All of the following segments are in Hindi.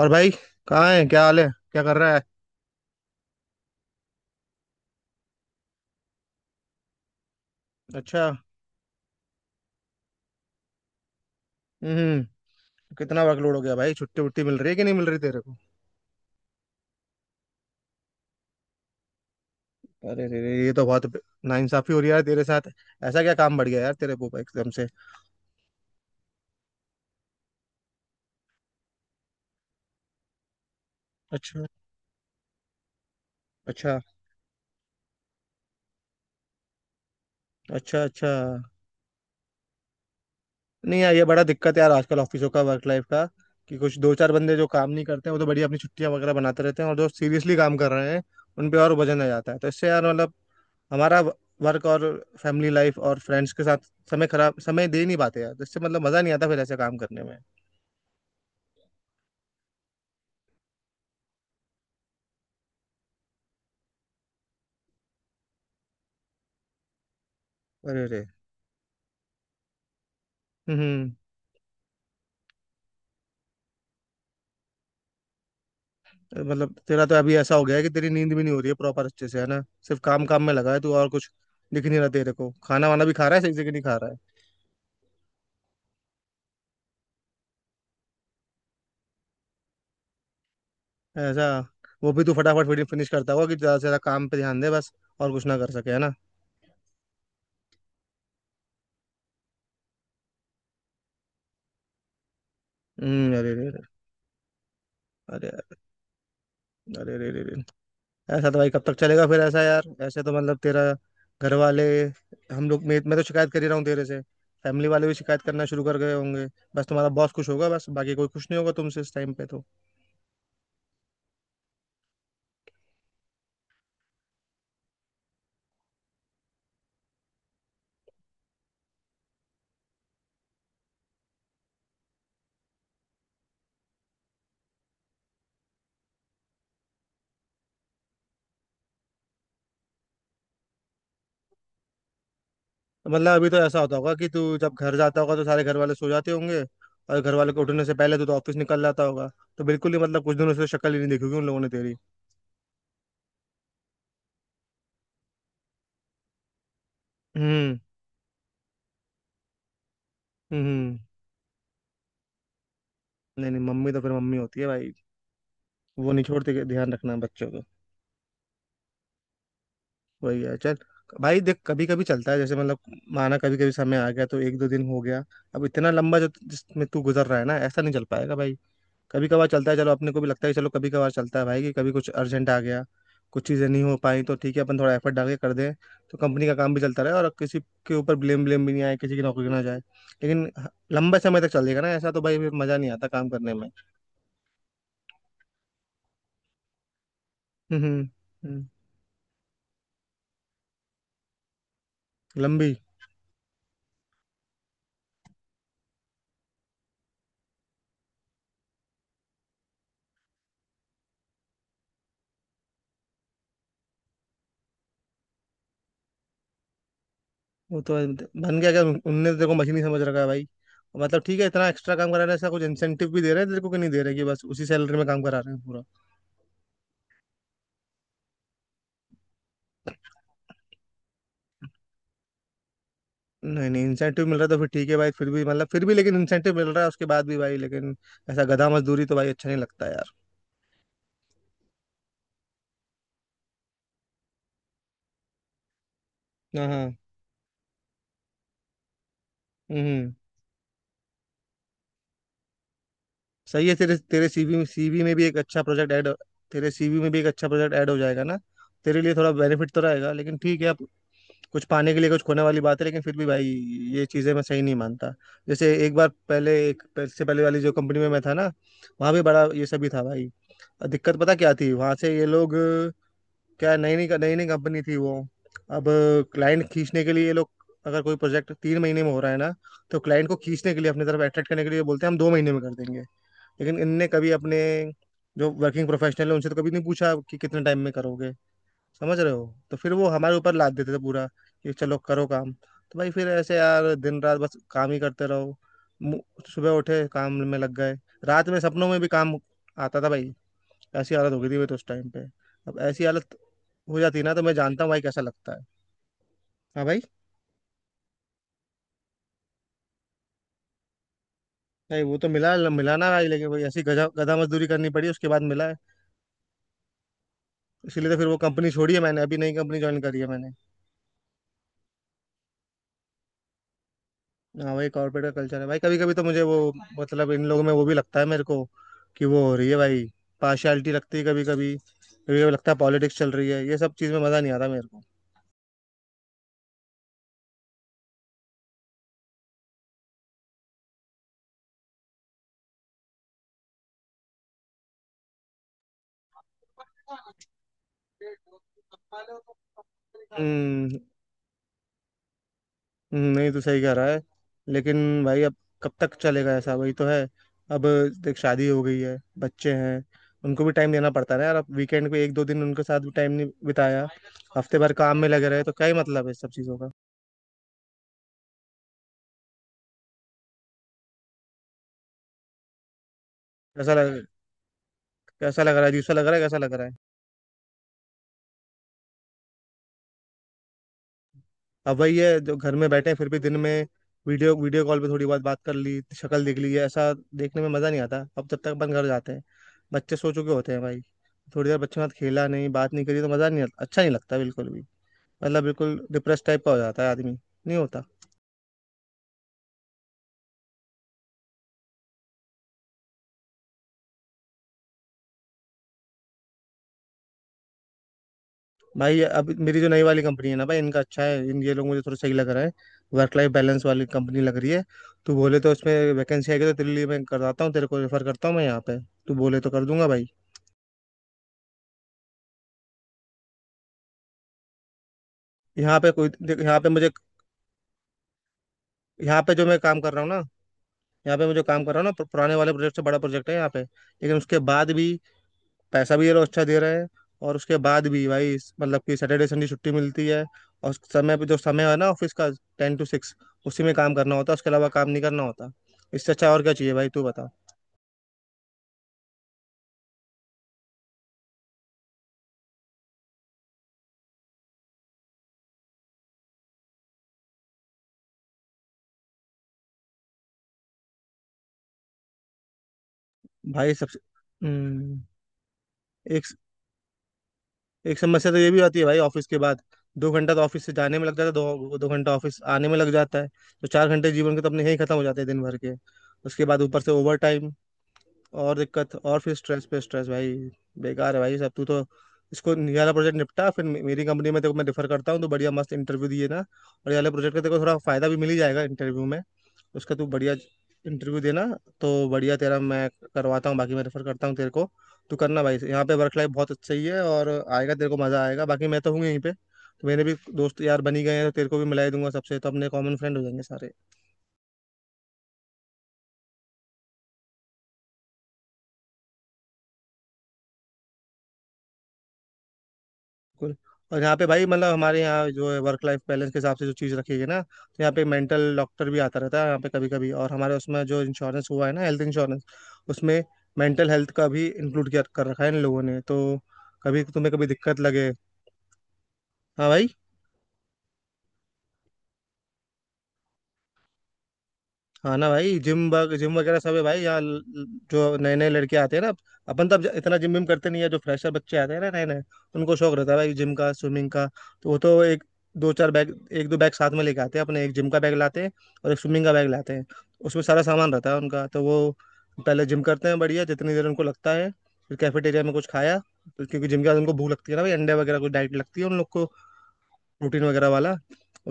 और भाई, कहाँ है? क्या हाल है? क्या कर रहा है? अच्छा। हम्म। कितना वर्कलोड हो गया भाई, छुट्टी उट्टी मिल रही है कि नहीं मिल रही तेरे को? अरे रे रे, ये तो बहुत नाइंसाफी हो रही है यार तेरे साथ। ऐसा क्या काम बढ़ गया यार तेरे को एकदम से? अच्छा अच्छा। अच्छा अच्छा। नहीं यार, ये बड़ा दिक्कत है यार आजकल ऑफिसों का, वर्क लाइफ का। कि कुछ दो चार बंदे जो काम नहीं करते हैं वो तो बढ़िया अपनी छुट्टियां वगैरह बनाते रहते हैं, और जो सीरियसली काम कर रहे हैं उन पे और वजन आ जाता है। तो इससे यार मतलब हमारा वर्क और फैमिली लाइफ और फ्रेंड्स के साथ समय, खराब समय दे नहीं पाते यार। तो इससे मतलब मजा नहीं आता फिर ऐसे काम करने में। अरे अरे। हम्म। मतलब तेरा तो अभी ऐसा हो गया है कि तेरी नींद भी नहीं हो रही है प्रॉपर अच्छे से, है ना? सिर्फ काम काम में लगा है तू और कुछ दिख नहीं रहा तेरे को। खाना वाना भी खा रहा है सही से कि नहीं खा रहा है? ऐसा? वो भी तू फटाफट वीडियो फिनिश करता होगा, कि ज़्यादा से ज़्यादा काम पे ध्यान दे बस, और कुछ ना कर सके, है ना? हम्म, अरे रे रे। अरे यार, अरे रे रे रे, ऐसा तो भाई कब तक चलेगा फिर? ऐसा यार ऐसे तो मतलब तेरा घर वाले, हम लोग, मैं तो शिकायत कर ही रहा हूँ तेरे से, फैमिली वाले भी शिकायत करना शुरू कर गए होंगे। बस तुम्हारा बॉस खुश होगा, बस बाकी कोई खुश नहीं होगा तुमसे इस टाइम पे तो। मतलब अभी तो ऐसा होता होगा कि तू जब घर जाता होगा तो सारे घर वाले सो जाते होंगे, और घर वाले के उठने से पहले तू तो ऑफिस निकल जाता होगा। तो बिल्कुल ही मतलब कुछ दिनों से शक्ल ही नहीं देखी होगी उन लोगों ने तेरी। हम्म हम्म हम्म। नहीं नहीं, मम्मी तो फिर मम्मी होती है भाई। वो नहीं छोड़ती कि ध्यान रखना बच्चों को। वही है, चल। भाई देख, कभी कभी चलता है, जैसे मतलब माना कभी कभी समय आ गया तो एक दो दिन हो गया। अब इतना लंबा जो जिसमें तू गुजर रहा है ना, ऐसा नहीं चल पाएगा भाई। कभी कभार चलता है, चलो अपने को भी लगता है कि चलो कभी कभार चलता है भाई, कि कभी कुछ अर्जेंट आ गया, कुछ चीज़ें नहीं हो पाई तो ठीक है अपन थोड़ा एफर्ट डाल के कर दें। तो कंपनी का काम भी चलता रहे और किसी के ऊपर ब्लेम ब्लेम भी नहीं आए, किसी की नौकरी ना जाए। लेकिन लंबे समय तक चलेगा ना ऐसा तो भाई फिर मज़ा नहीं आता काम करने में। हम्म। हम्म, लंबी। वो तो है, मतलब बन गया क्या? उनने तो तेरे को मशीन ही समझ रखा है भाई। मतलब ठीक है, इतना एक्स्ट्रा काम करा रहे हैं, ऐसा कुछ इंसेंटिव भी दे रहे हैं तेरे को कि नहीं दे रहे, कि बस उसी सैलरी में काम करा रहे हैं पूरा? नहीं नहीं, इंसेंटिव मिल रहा है तो फिर ठीक है भाई, फिर भी मतलब फिर भी लेकिन इंसेंटिव मिल रहा है उसके बाद भी भाई, लेकिन ऐसा गधा मजदूरी तो भाई अच्छा नहीं लगता यार। हाँ हाँ। हम्म। सही है, तेरे तेरे सीवी में भी एक अच्छा प्रोजेक्ट ऐड। तेरे सीवी में भी एक अच्छा प्रोजेक्ट ऐड हो जाएगा ना, तेरे लिए थोड़ा बेनिफिट तो रहेगा। लेकिन ठीक है, अब कुछ पाने के लिए कुछ खोने वाली बात है, लेकिन फिर भी भाई ये चीज़ें मैं सही नहीं मानता। जैसे एक बार पहले एक इससे पहले वाली जो कंपनी में मैं था ना, वहाँ भी बड़ा ये सभी था भाई। और दिक्कत पता क्या थी, वहाँ से ये लोग, क्या नई नई कंपनी थी वो। अब क्लाइंट खींचने के लिए ये लोग, अगर कोई प्रोजेक्ट 3 महीने में हो रहा है ना, तो क्लाइंट को खींचने के लिए अपनी तरफ अट्रैक्ट करने के लिए बोलते हैं हम 2 महीने में कर देंगे। लेकिन इनने कभी अपने जो वर्किंग प्रोफेशनल है उनसे तो कभी नहीं पूछा कि कितने टाइम में करोगे, समझ रहे हो? तो फिर वो हमारे ऊपर लाद देते थे पूरा, कि चलो करो काम। तो भाई फिर ऐसे यार दिन रात बस काम ही करते रहो। मु- सुबह उठे काम में लग गए, रात में सपनों में भी काम आता था भाई। ऐसी हालत हो गई थी मेरी तो उस टाइम पे। अब ऐसी हालत हो जाती है ना, तो मैं जानता हूँ भाई कैसा लगता है। हाँ भाई। भाई वो तो मिला मिला ना भाई, लेकिन भाई ऐसी गधा गधा मजदूरी करनी पड़ी उसके बाद मिला है। इसीलिए तो फिर वो कंपनी छोड़ी है मैंने, अभी नई कंपनी ज्वाइन करी है मैंने। हाँ भाई, कॉर्पोरेट का कल्चर है भाई। कभी कभी तो मुझे वो, मतलब इन लोगों में वो भी लगता है मेरे को कि वो हो रही है भाई, पार्शियलिटी लगती है कभी कभी। कभी लगता है पॉलिटिक्स चल रही है, ये सब चीज़ में मज़ा नहीं आता मेरे को। हम्म नहीं तो सही कह रहा है। लेकिन भाई अब कब तक चलेगा ऐसा, वही तो है। अब देख, शादी हो गई है, बच्चे हैं, उनको भी टाइम देना पड़ता है ना यार। अब वीकेंड पे एक दो दिन उनके साथ भी टाइम नहीं बिताया, हफ्ते भर काम में लगे रहे, तो क्या ही मतलब है इस सब चीज़ों का। कैसा लग कैसा लग रहा है, अजीब सा लग रहा है, कैसा लग रहा है? अब वही है, जो घर में बैठे हैं फिर भी दिन में वीडियो वीडियो कॉल पे थोड़ी बहुत बात कर ली, शक्ल देख ली है, ऐसा देखने में मज़ा नहीं आता। अब जब तक अपन घर जाते हैं बच्चे सो चुके होते हैं भाई। थोड़ी देर बच्चों के साथ खेला नहीं, बात नहीं करी, तो मज़ा नहीं आता, अच्छा नहीं लगता बिल्कुल भी। मतलब बिल्कुल डिप्रेस टाइप का हो जाता है आदमी, नहीं होता? भाई अब मेरी जो नई वाली कंपनी है ना भाई, इनका अच्छा है, इन ये लोग मुझे थोड़ा सही लग रहा है, वर्क लाइफ बैलेंस वाली कंपनी लग रही है। तू बोले तो उसमें वैकेंसी आएगी तो तेरे लिए मैं करवाता हूँ, तेरे को रेफर करता हूँ मैं यहाँ पे। तू बोले तो कर दूंगा भाई। यहाँ पे कोई देख, यहाँ पे मुझे, यहाँ पे जो मैं काम कर रहा हूँ ना यहाँ पे मैं जो काम कर रहा हूँ ना, पुराने वाले प्रोजेक्ट से बड़ा प्रोजेक्ट है यहाँ पे, लेकिन उसके बाद भी पैसा भी ये लोग अच्छा दे रहे हैं। और उसके बाद भी भाई मतलब कि सैटरडे संडे छुट्टी मिलती है, और समय पे, जो समय है ना ऑफिस का, 10 to 6, उसी में काम करना होता है, उसके अलावा काम नहीं करना होता। इससे अच्छा और क्या चाहिए भाई, तू बता। भाई सबसे, हम्म, एक एक समस्या तो ये भी आती है भाई ऑफिस के बाद। 2 घंटा तो ऑफिस से जाने में लग जाता है, 2-2 घंटा ऑफिस आने में लग जाता है। तो 4 घंटे जीवन के तो अपने यही खत्म हो जाते हैं दिन भर के। उसके बाद ऊपर से ओवर टाइम और दिक्कत, और फिर स्ट्रेस पे स्ट्रेस भाई। बेकार है भाई सब। तू तो इसको, ये वाला प्रोजेक्ट निपटा, फिर मेरी कंपनी में देखो, मैं डिफर करता हूँ तो बढ़िया मस्त इंटरव्यू दिए ना, और ये वाले प्रोजेक्ट का देखो थोड़ा फायदा भी मिल ही जाएगा इंटरव्यू में। उसका तू बढ़िया इंटरव्यू देना, तो बढ़िया तेरा मैं करवाता हूँ, बाकी मैं रेफर करता हूँ तेरे को। तू करना भाई, यहाँ पे वर्क लाइफ बहुत अच्छी ही है, और आएगा तेरे को मजा आएगा। बाकी मैं तो हूँ यहीं पे, तो मेरे भी दोस्त यार बन ही गए हैं, तो तेरे को भी मिला ही दूंगा सबसे, तो अपने कॉमन फ्रेंड हो जाएंगे सारे। बिल्कुल। और यहाँ पे भाई, मतलब हमारे यहाँ जो है वर्क लाइफ बैलेंस के हिसाब से जो चीज़ रखी है ना, तो यहाँ पे मेंटल डॉक्टर भी आता रहता है यहाँ पे कभी कभी। और हमारे उसमें जो इंश्योरेंस हुआ है ना, हेल्थ इंश्योरेंस, उसमें मेंटल हेल्थ का भी इंक्लूड किया कर रखा है इन लोगों ने तो। कभी तुम्हें कभी दिक्कत लगे। हाँ भाई। हाँ ना भाई, जिम, जिम वगैरह सब है भाई यहाँ। जो नए नए लड़के आते हैं ना, अपन तब इतना जिम विम करते नहीं है। जो फ्रेशर बच्चे आते हैं ना नए नए, उनको शौक रहता है भाई जिम का, स्विमिंग का। तो वो तो एक, दो चार बैग, एक दो बैग साथ में लेके आते हैं अपने। एक जिम का बैग लाते हैं और एक स्विमिंग का बैग लाते हैं, उसमें सारा सामान रहता है उनका। तो वो पहले जिम करते हैं बढ़िया, जितनी देर उनको लगता है। फिर कैफेटेरिया में कुछ खाया, तो क्योंकि जिम के बाद उनको भूख लगती है ना भाई, अंडे वगैरह कुछ डाइट लगती है उन लोग को, प्रोटीन वगैरह वाला।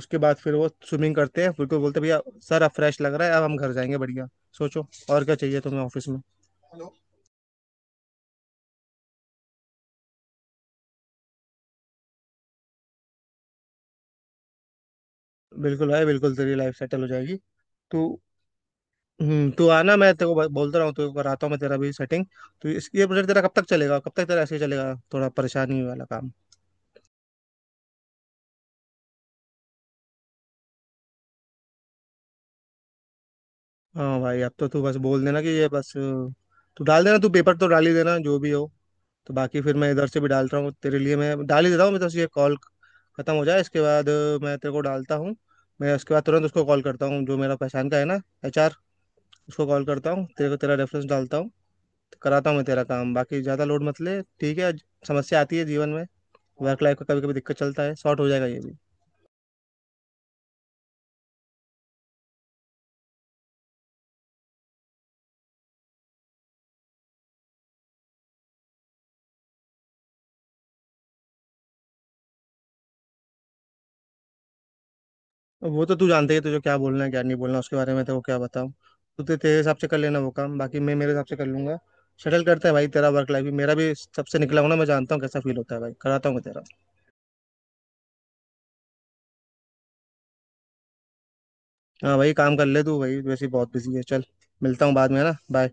उसके बाद फिर वो स्विमिंग करते हैं, फिर को बोलते हैं भैया सर अब फ्रेश लग रहा है, अब हम घर जाएंगे बढ़िया। सोचो, और क्या चाहिए तुम्हें ऑफिस में। बिल्कुल भाई, बिल्कुल, तेरी लाइफ सेटल हो जाएगी। तू, तू आना, मैं तेरे को बोलता रहा हूँ, तेरे को कराता हूँ मैं तेरा भी सेटिंग। तो इस ये प्रोजेक्ट तेरा कब तक चलेगा, कब तक तेरा ऐसे ही चलेगा थोड़ा परेशानी वाला काम? हाँ भाई, अब तो तू बस बोल देना कि ये बस तू डाल देना, तू पेपर तो डाल ही देना जो भी हो। तो बाकी फिर मैं इधर से भी डालता हूँ तेरे लिए, मैं डाल ही देता हूँ। मेरे से ये कॉल खत्म हो जाए इसके बाद मैं तेरे को डालता हूँ। मैं उसके बाद तुरंत उसको कॉल करता हूँ जो मेरा पहचान का है ना, एचआर, उसको कॉल करता हूँ, तेरे को, तेरा रेफरेंस डालता हूँ। तो कराता हूँ मैं तेरा काम, बाकी ज़्यादा लोड मत ले, ठीक है? समस्या आती है जीवन में, वर्क लाइफ का कभी कभी दिक्कत चलता है, शॉर्ट हो जाएगा ये भी। अब वो तो तू जानते ही है, तुझे क्या बोलना है क्या नहीं बोलना उसके बारे में तो वो क्या बताऊँ। तू तेरे हिसाब से कर लेना वो काम, बाकी मैं मेरे हिसाब से कर लूंगा। शटल करते हैं भाई, तेरा वर्क लाइफ भी, मेरा भी सबसे निकला हूं ना, मैं जानता हूँ कैसा फील होता है भाई, कराता हूँ मैं तेरा। हाँ भाई, काम कर ले तू भाई, वैसे ही बहुत बिजी है, चल मिलता हूँ बाद में, है ना, बाय।